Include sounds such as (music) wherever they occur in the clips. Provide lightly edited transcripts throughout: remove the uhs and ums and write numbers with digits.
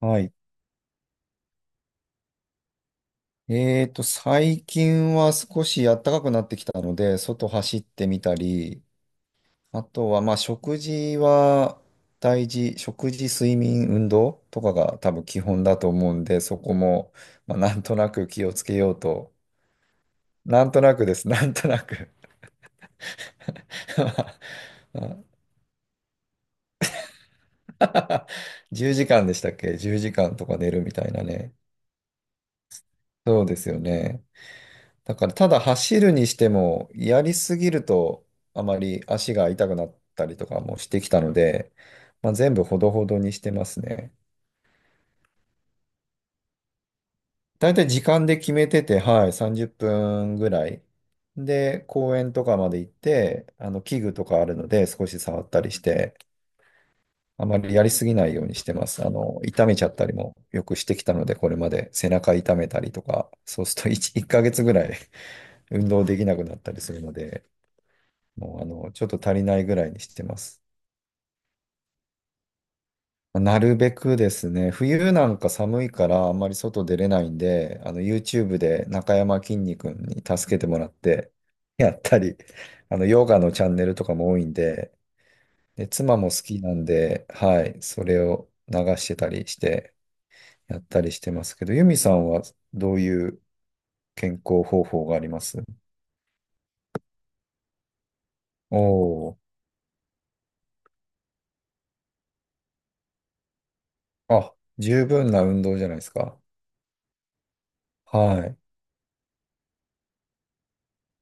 はい。最近は少し暖かくなってきたので、外走ってみたり、あとは、まあ、食事は大事、食事、睡眠、運動とかが多分基本だと思うんで、そこも、まあ、なんとなく気をつけようと。なんとなくです、なんとなく10時間 (laughs) でしたっけ？ 10 時間とか寝るみたいなね。そうですよね。だからただ走るにしても、やりすぎるとあまり足が痛くなったりとかもしてきたので、まあ、全部ほどほどにしてますね。だいたい時間で決めてて、はい、30分ぐらい。で、公園とかまで行って、器具とかあるので少し触ったりして、あまりやりすぎないようにしてます。痛めちゃったりもよくしてきたので、これまで背中痛めたりとか、そうすると1、1ヶ月ぐらい (laughs) 運動できなくなったりするので、もうちょっと足りないぐらいにしてます。なるべくですね、冬なんか寒いからあんまり外出れないんで、YouTube で中山きんに君に助けてもらって、やったり、ヨガのチャンネルとかも多いんで、で、妻も好きなんで、はい、それを流してたりして、やったりしてますけど、ユミさんはどういう健康方法があります？おおー、あ、十分な運動じゃないですか。はい。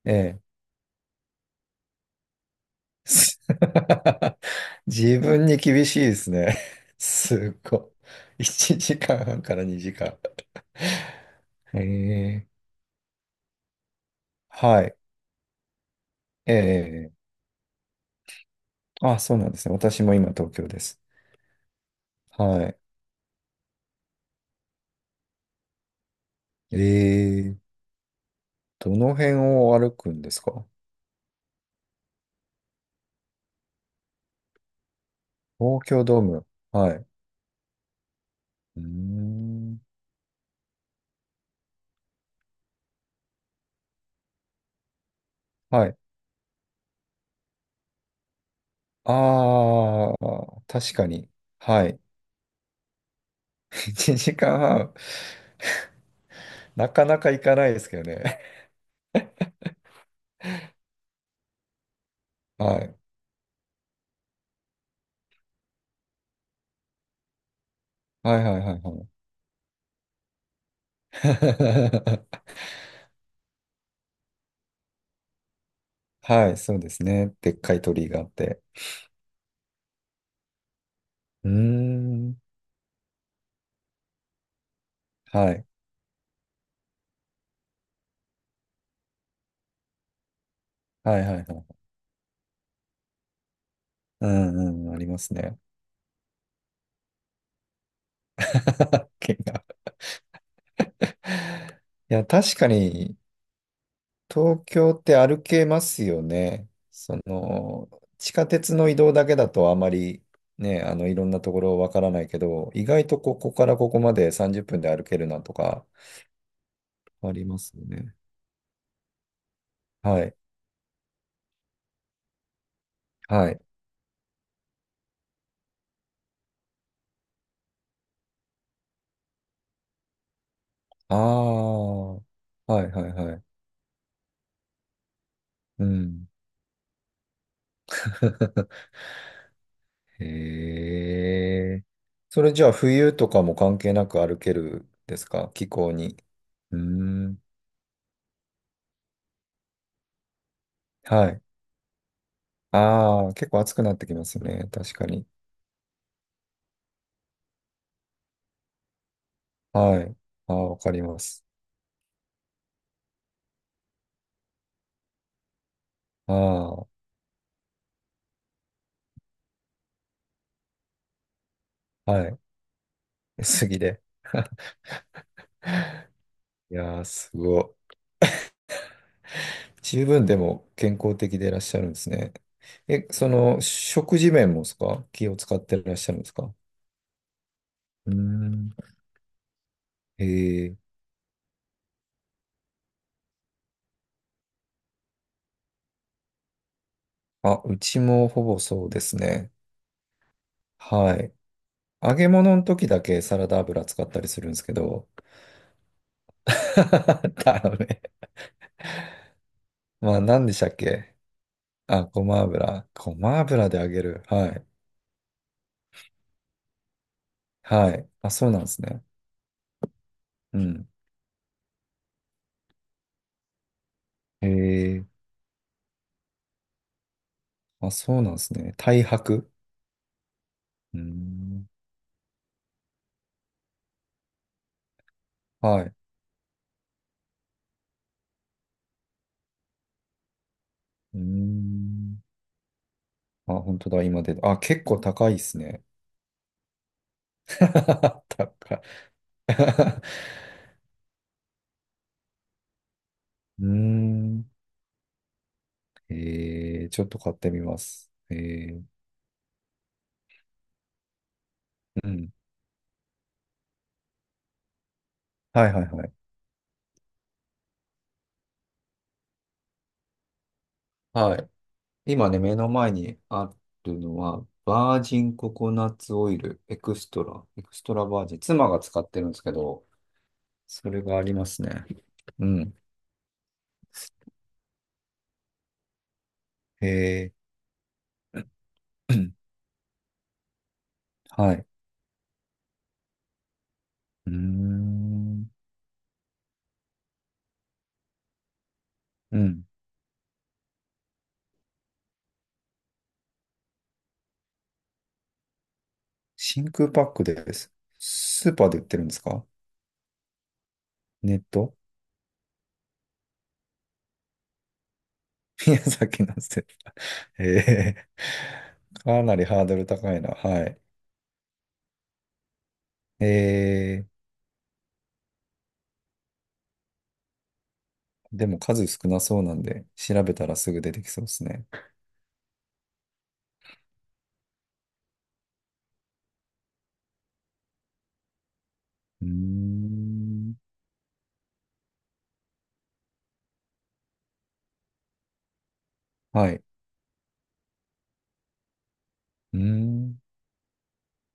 ええ。 (laughs) 自分に厳しいですね。すっごい。1時間半から2時間。えーはい。ええ、あ、そうなんですね。私も今東京です。はい。ええ、どの辺を歩くんですか？東京ドーム。はい。うーん。はい。ああ、確かに。はい。(laughs) 1時間半。なかなか行かないですけどね。はい。はいはいはいはい。(laughs) はい、そうですね。でっかい鳥居があって。うーん。はい。はいはいはい。うんうん、ありますね。(laughs) 剣が。いや、確かに、東京って歩けますよね。その、地下鉄の移動だけだとあまりね、いろんなところわからないけど、意外とここからここまで30分で歩けるなとか、ありますよね。はい。はい。ああ。はいはいはい。うん。(laughs) へえ。それじゃあ冬とかも関係なく歩けるですか？気候に。うーん。はい。ああ、結構暑くなってきますよね。確かに。はい。ああ、わかります。ああ、はい。(laughs) 薄着で。(laughs) いやー、すごい。十分でも健康的でいらっしゃるんですね。え、その、食事面もですか？気を使っていらっしゃるんですか？うーん。ええ。あ、うちもほぼそうですね。はい。揚げ物の時だけサラダ油使ったりするんですけど、(laughs) だよね。まあ、何でしたっけ？あ、ごま油。ごま油で揚げる。はい。はい。あ、そうなんですね。うん。へえ。あ、そうなんですね。太白。うーん。はい。うーん。あ、本当だ。今出あ、結構高いですね。(laughs) 高い。(laughs) うーん。ちょっと買ってみます。うん。はいはいはい。はい、今ね、目の前にあるのは、バージンココナッツオイル、エクストラバージン、妻が使ってるんですけど、それがありますね。うん。へえ。(clears throat) はい。うーん。うん。真空パックです。スーパーで売ってるんですか？ネット。 (laughs) 宮崎のスーパー。へえ。かなりハードル高いな。はい。えでも数少なそうなんで、調べたらすぐ出てきそうですね。うーん。はい。うーん。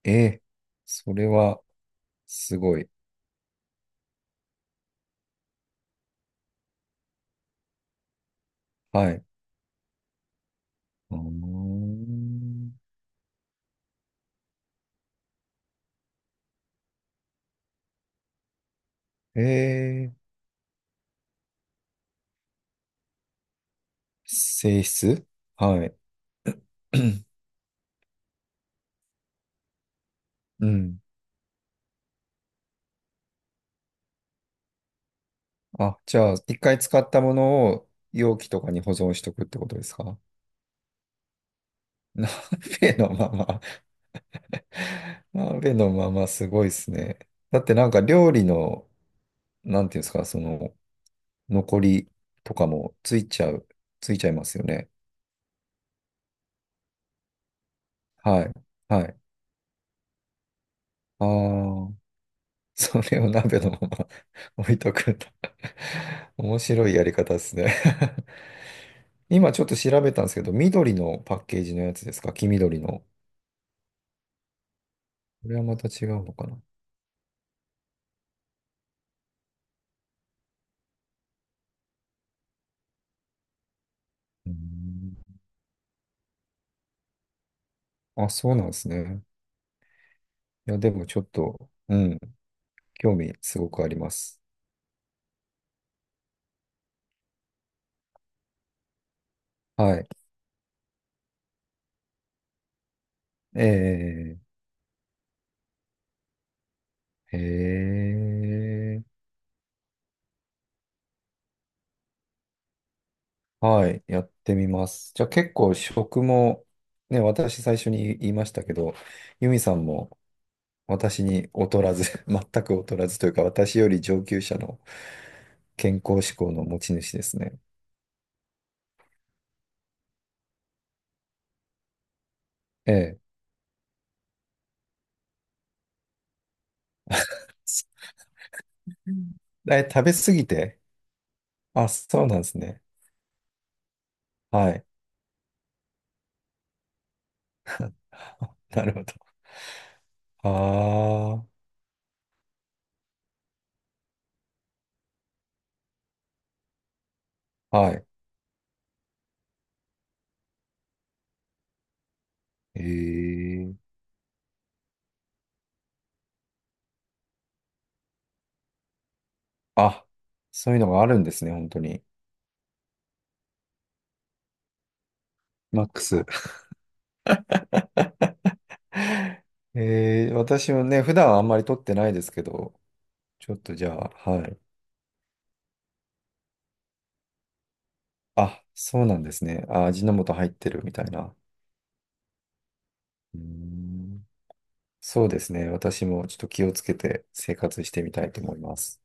ええ、それは、すごい。はい。うーん。ええ、性質。はい。(clears throat) うん。あ、じゃあ、一回使ったものを容器とかに保存しとくってことですか？ (laughs) 鍋のまま。(laughs) 鍋のまま、すごいですね。だってなんか料理の、なんていうんですか、その、残りとかもついちゃいますよね。はい。はい。ああ。(laughs) それを鍋のまま (laughs) 置いとくんだ。 (laughs) 面白いやり方ですね。 (laughs) 今ちょっと調べたんですけど、緑のパッケージのやつですか？黄緑の。これはまた違うのかな。うーん。あ、そうなんですね。いや、でもちょっと、うん、興味すごくあります。はい。えー、えー。はい、やってみます。じゃあ結構食も、ね、私最初に言いましたけど、ユミさんも私に劣らず、(laughs) 全く劣らずというか、私より上級者の健康志向の持ち主ですね。ええ。うん。え、食べ過ぎて？あ、そうなんですね。はい。(laughs) なるほど。ああ、はい。ええ。あ、そういうのがあるんですね、本当に。マックス。(laughs) ええ、私もね、普段はあんまり取ってないですけど、ちょっとじゃあ、はい。あ、そうなんですね。あ、味の素入ってるみたいな。うーん。そうですね。私もちょっと気をつけて生活してみたいと思います。